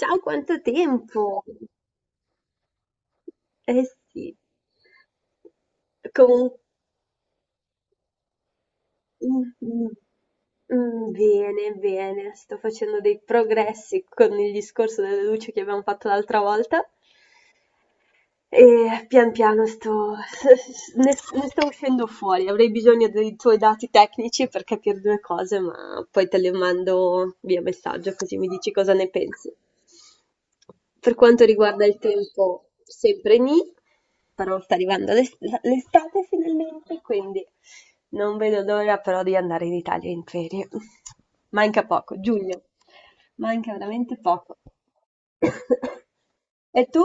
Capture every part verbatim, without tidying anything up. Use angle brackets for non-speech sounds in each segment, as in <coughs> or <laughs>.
Ciao, quanto tempo! Eh sì. Comunque, bene, bene, sto facendo dei progressi con il discorso delle luci che abbiamo fatto l'altra volta. E pian piano sto, <laughs> ne, ne sto uscendo fuori. Avrei bisogno dei tuoi dati tecnici per capire due cose, ma poi te le mando via messaggio così mi dici cosa ne pensi. Per quanto riguarda il tempo, sempre nì, però sta arrivando l'est- l'estate finalmente, quindi non vedo l'ora però di andare in Italia in ferie. Manca poco, giugno, manca veramente poco. <coughs> E tu?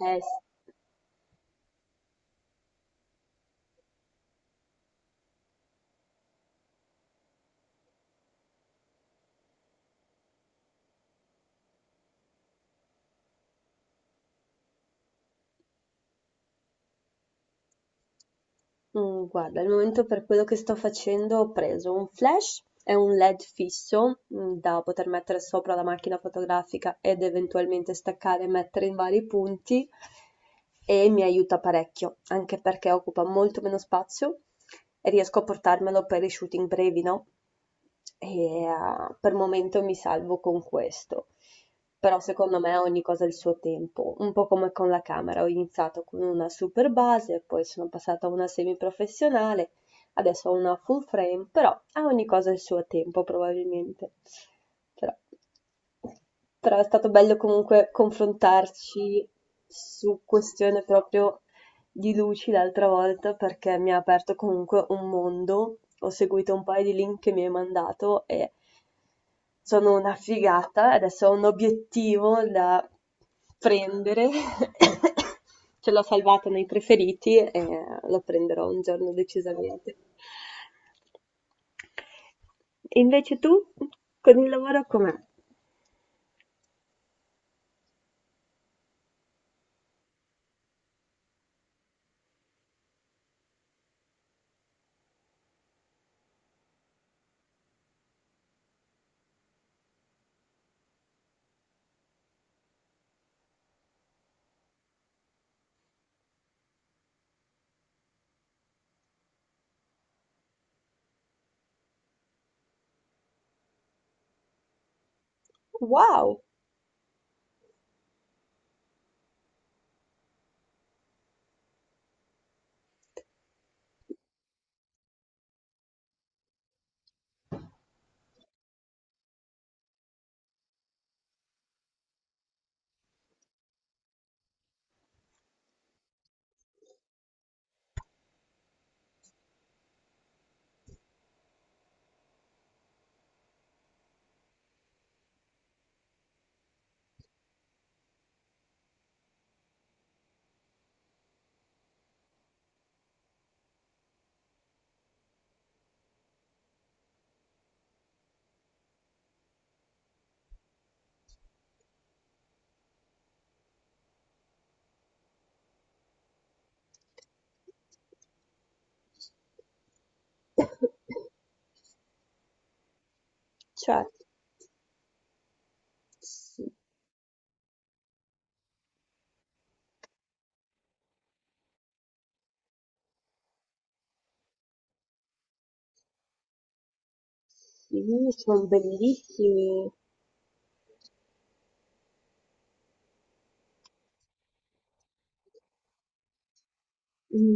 Eh, s- mm, guarda, al momento per quello che sto facendo ho preso un flash e un LED fisso mm, da poter mettere sopra la macchina fotografica ed eventualmente staccare e mettere in vari punti e mi aiuta parecchio, anche perché occupa molto meno spazio e riesco a portarmelo per i shooting brevi, no? E eh, per momento mi salvo con questo. Però secondo me ogni cosa ha il suo tempo, un po' come con la camera. Ho iniziato con una super base, poi sono passata a una semiprofessionale, adesso ho una full frame, però a ogni cosa il suo tempo probabilmente. Però, però è stato bello comunque confrontarci su questioni proprio di luci l'altra volta perché mi ha aperto comunque un mondo. Ho seguito un paio di link che mi hai mandato e sono una figata. Adesso ho un obiettivo da prendere. <coughs> Ce l'ho salvata nei preferiti e lo prenderò un giorno decisamente. E invece tu con il lavoro com'è? Wow! <coughs> Cioè, sì, sì, sono bellissimi.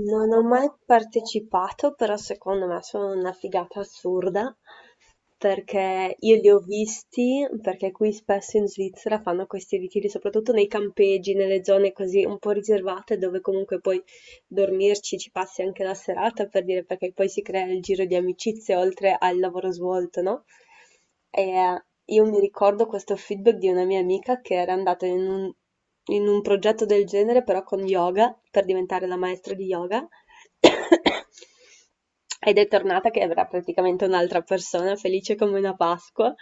Non ho mai partecipato, però secondo me sono una figata assurda, perché io li ho visti, perché qui spesso in Svizzera fanno questi ritiri, soprattutto nei campeggi, nelle zone così un po' riservate, dove comunque poi dormirci ci passi anche la serata, per dire, perché poi si crea il giro di amicizie oltre al lavoro svolto, no? E eh, io mi ricordo questo feedback di una mia amica che era andata in un, in un progetto del genere, però con yoga, per diventare la maestra di yoga. <coughs> Ed è tornata che era praticamente un'altra persona, felice come una Pasqua,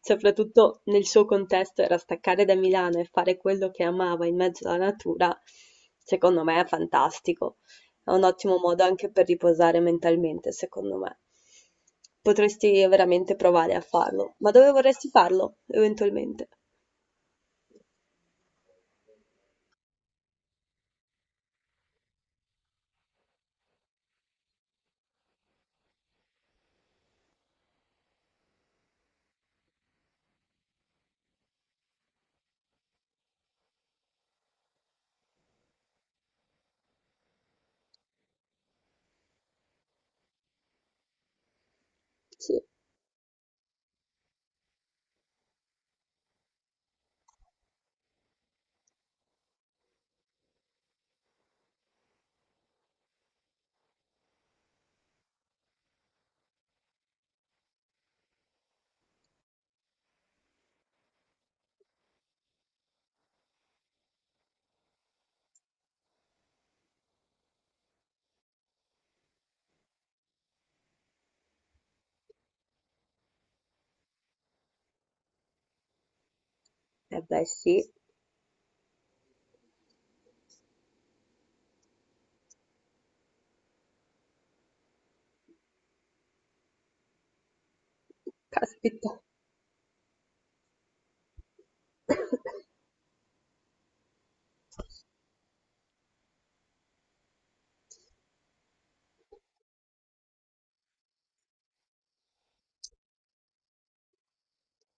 soprattutto nel suo contesto era staccare da Milano e fare quello che amava in mezzo alla natura, secondo me è fantastico. È un ottimo modo anche per riposare mentalmente, secondo me. Potresti veramente provare a farlo. Ma dove vorresti farlo, eventualmente? Sì, eh beh sì, caspita,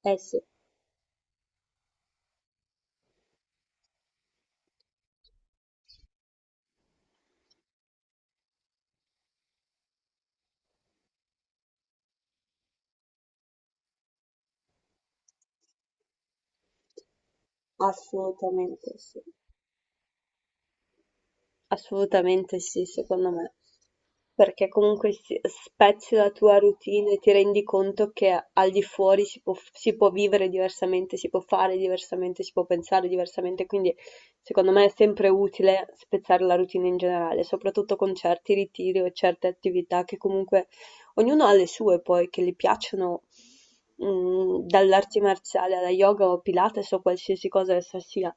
eh sì, assolutamente sì. Assolutamente sì, secondo me, perché comunque si- spezzi la tua routine e ti rendi conto che al di fuori si può, si può vivere diversamente, si può fare diversamente, si può pensare diversamente, quindi secondo me è sempre utile spezzare la routine in generale, soprattutto con certi ritiri o certe attività che comunque ognuno ha le sue poi che gli piacciono, mhmm, dalle arti marziali alla yoga o Pilates o qualsiasi cosa essa sia.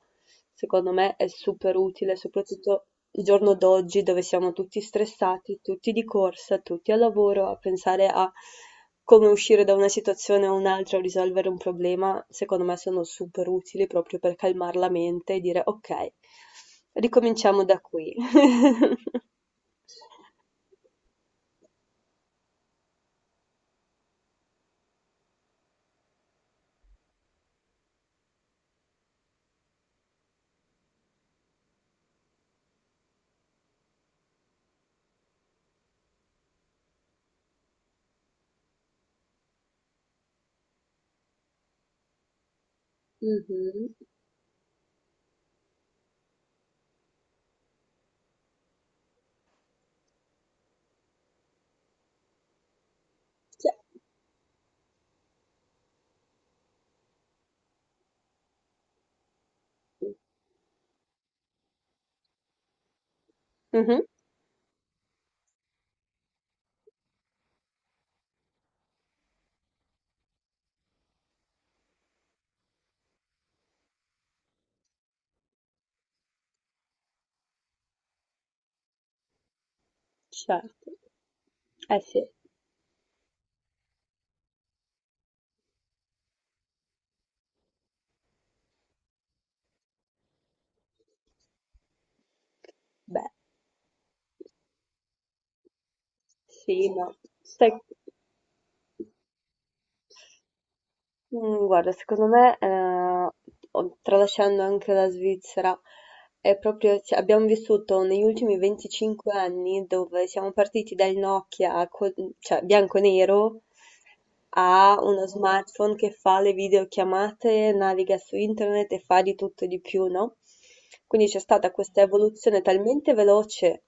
Secondo me è super utile, soprattutto il giorno d'oggi dove siamo tutti stressati, tutti di corsa, tutti al lavoro, a pensare a come uscire da una situazione o un'altra o risolvere un problema, secondo me sono super utili proprio per calmar la mente e dire: "Okay, ricominciamo da qui". <laughs> Mh-mh. Ce Mh-mh, certo. Eh sì, beh, sì, no. Sai, Mhmm, guarda secondo me, ehm, o tralasciando anche la Svizzera, è proprio cioè abbiamo vissuto negli ultimi venticinque anni dove siamo partiti dal Nokia co cioè bianco e nero, a uno smartphone che fa le videochiamate, naviga su internet e fa di tutto e di più, no, quindi c'è stata questa evoluzione talmente veloce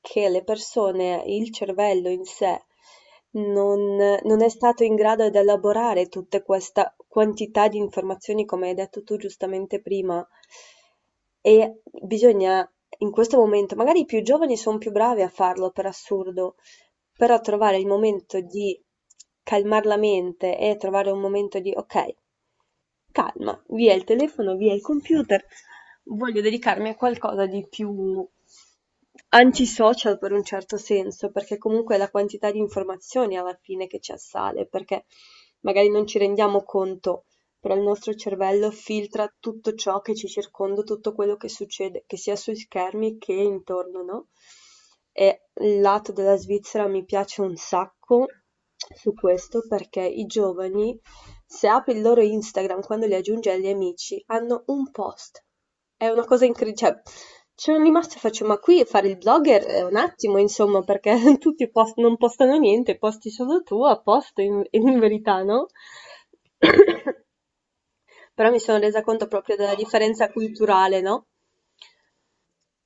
che le persone, il cervello in sé non, non è stato in grado di elaborare tutta questa quantità di informazioni, come hai detto tu giustamente prima. E bisogna, in questo momento, magari i più giovani sono più bravi a farlo per assurdo, però trovare il momento di calmar la mente e trovare un momento di ok, calma, via il telefono, via il computer, voglio dedicarmi a qualcosa di più antisocial per un certo senso, perché comunque è la quantità di informazioni alla fine che ci assale, perché magari non ci rendiamo conto però il nostro cervello filtra tutto ciò che ci circonda, tutto quello che succede, che sia sui schermi che intorno, no? E il lato della Svizzera mi piace un sacco su questo perché i giovani, se apri il loro Instagram quando li aggiungi agli amici, hanno un post. È una cosa incredibile. Cioè, ci sono rimasta e faccio, ma qui fare il blogger è un attimo, insomma, perché <laughs> tutti post- non postano niente, posti solo tu a posto in, in verità, no? <clears throat> Però mi sono resa conto proprio della differenza culturale, no?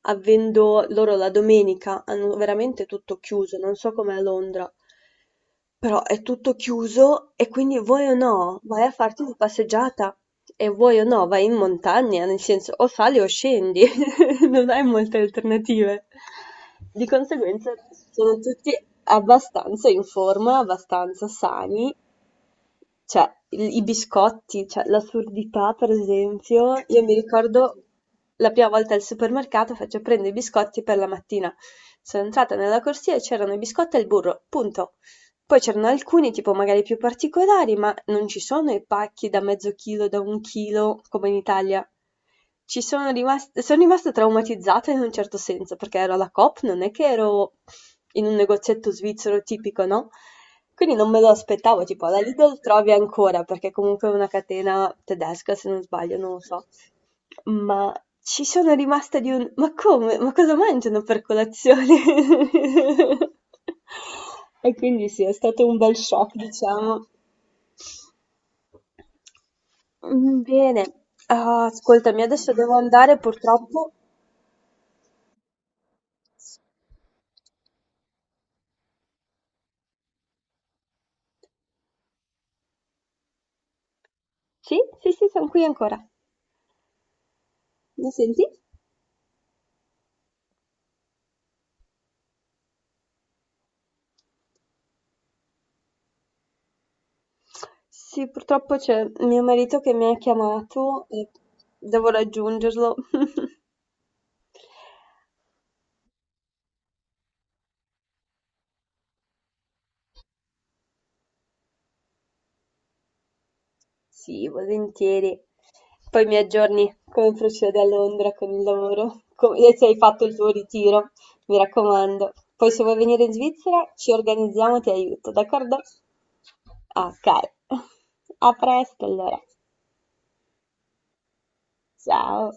Avendo loro la domenica hanno veramente tutto chiuso, non so com'è a Londra, però è tutto chiuso e quindi vuoi o no vai a farti una passeggiata e vuoi o no vai in montagna, nel senso o sali o scendi, <laughs> non hai molte alternative. Di conseguenza sono tutti abbastanza in forma, abbastanza sani, cioè, i i biscotti, cioè l'assurdità, per esempio, io mi ricordo la prima volta al supermercato faccio prendo i biscotti per la mattina. Sono entrata nella corsia e c'erano i biscotti e il burro, punto. Poi c'erano alcuni, tipo magari più particolari, ma non ci sono i pacchi da mezzo chilo, da un chilo, come in Italia. Ci sono rimasta, sono rimasta traumatizzata in un certo senso, perché ero alla Coop, non è che ero in un negozietto svizzero tipico, no? Quindi non me lo aspettavo, tipo alla Lidl trovi ancora, perché comunque è una catena tedesca, se non sbaglio, non lo so. Ma ci sono rimasta di un: "Ma come? Ma cosa mangiano per colazione?" <laughs> E quindi sì, è stato un bel shock, diciamo. Mhmm, bene. Ah, ascoltami, adesso devo andare purtroppo. Sì, sì, sì, son qui ancora. Mi senti? Sì, purtroppo c'è mio marito che mi ha chiamato e devo raggiungerlo. <laughs> Sì, volentieri. Poi mi aggiorni come procede a Londra con il lavoro, co- e se hai fatto il tuo ritiro, mi raccomando. Poi se vuoi venire in Svizzera ci organizziamo, ti aiuto, d'accordo? Ok, <laughs> a presto allora. Ciao.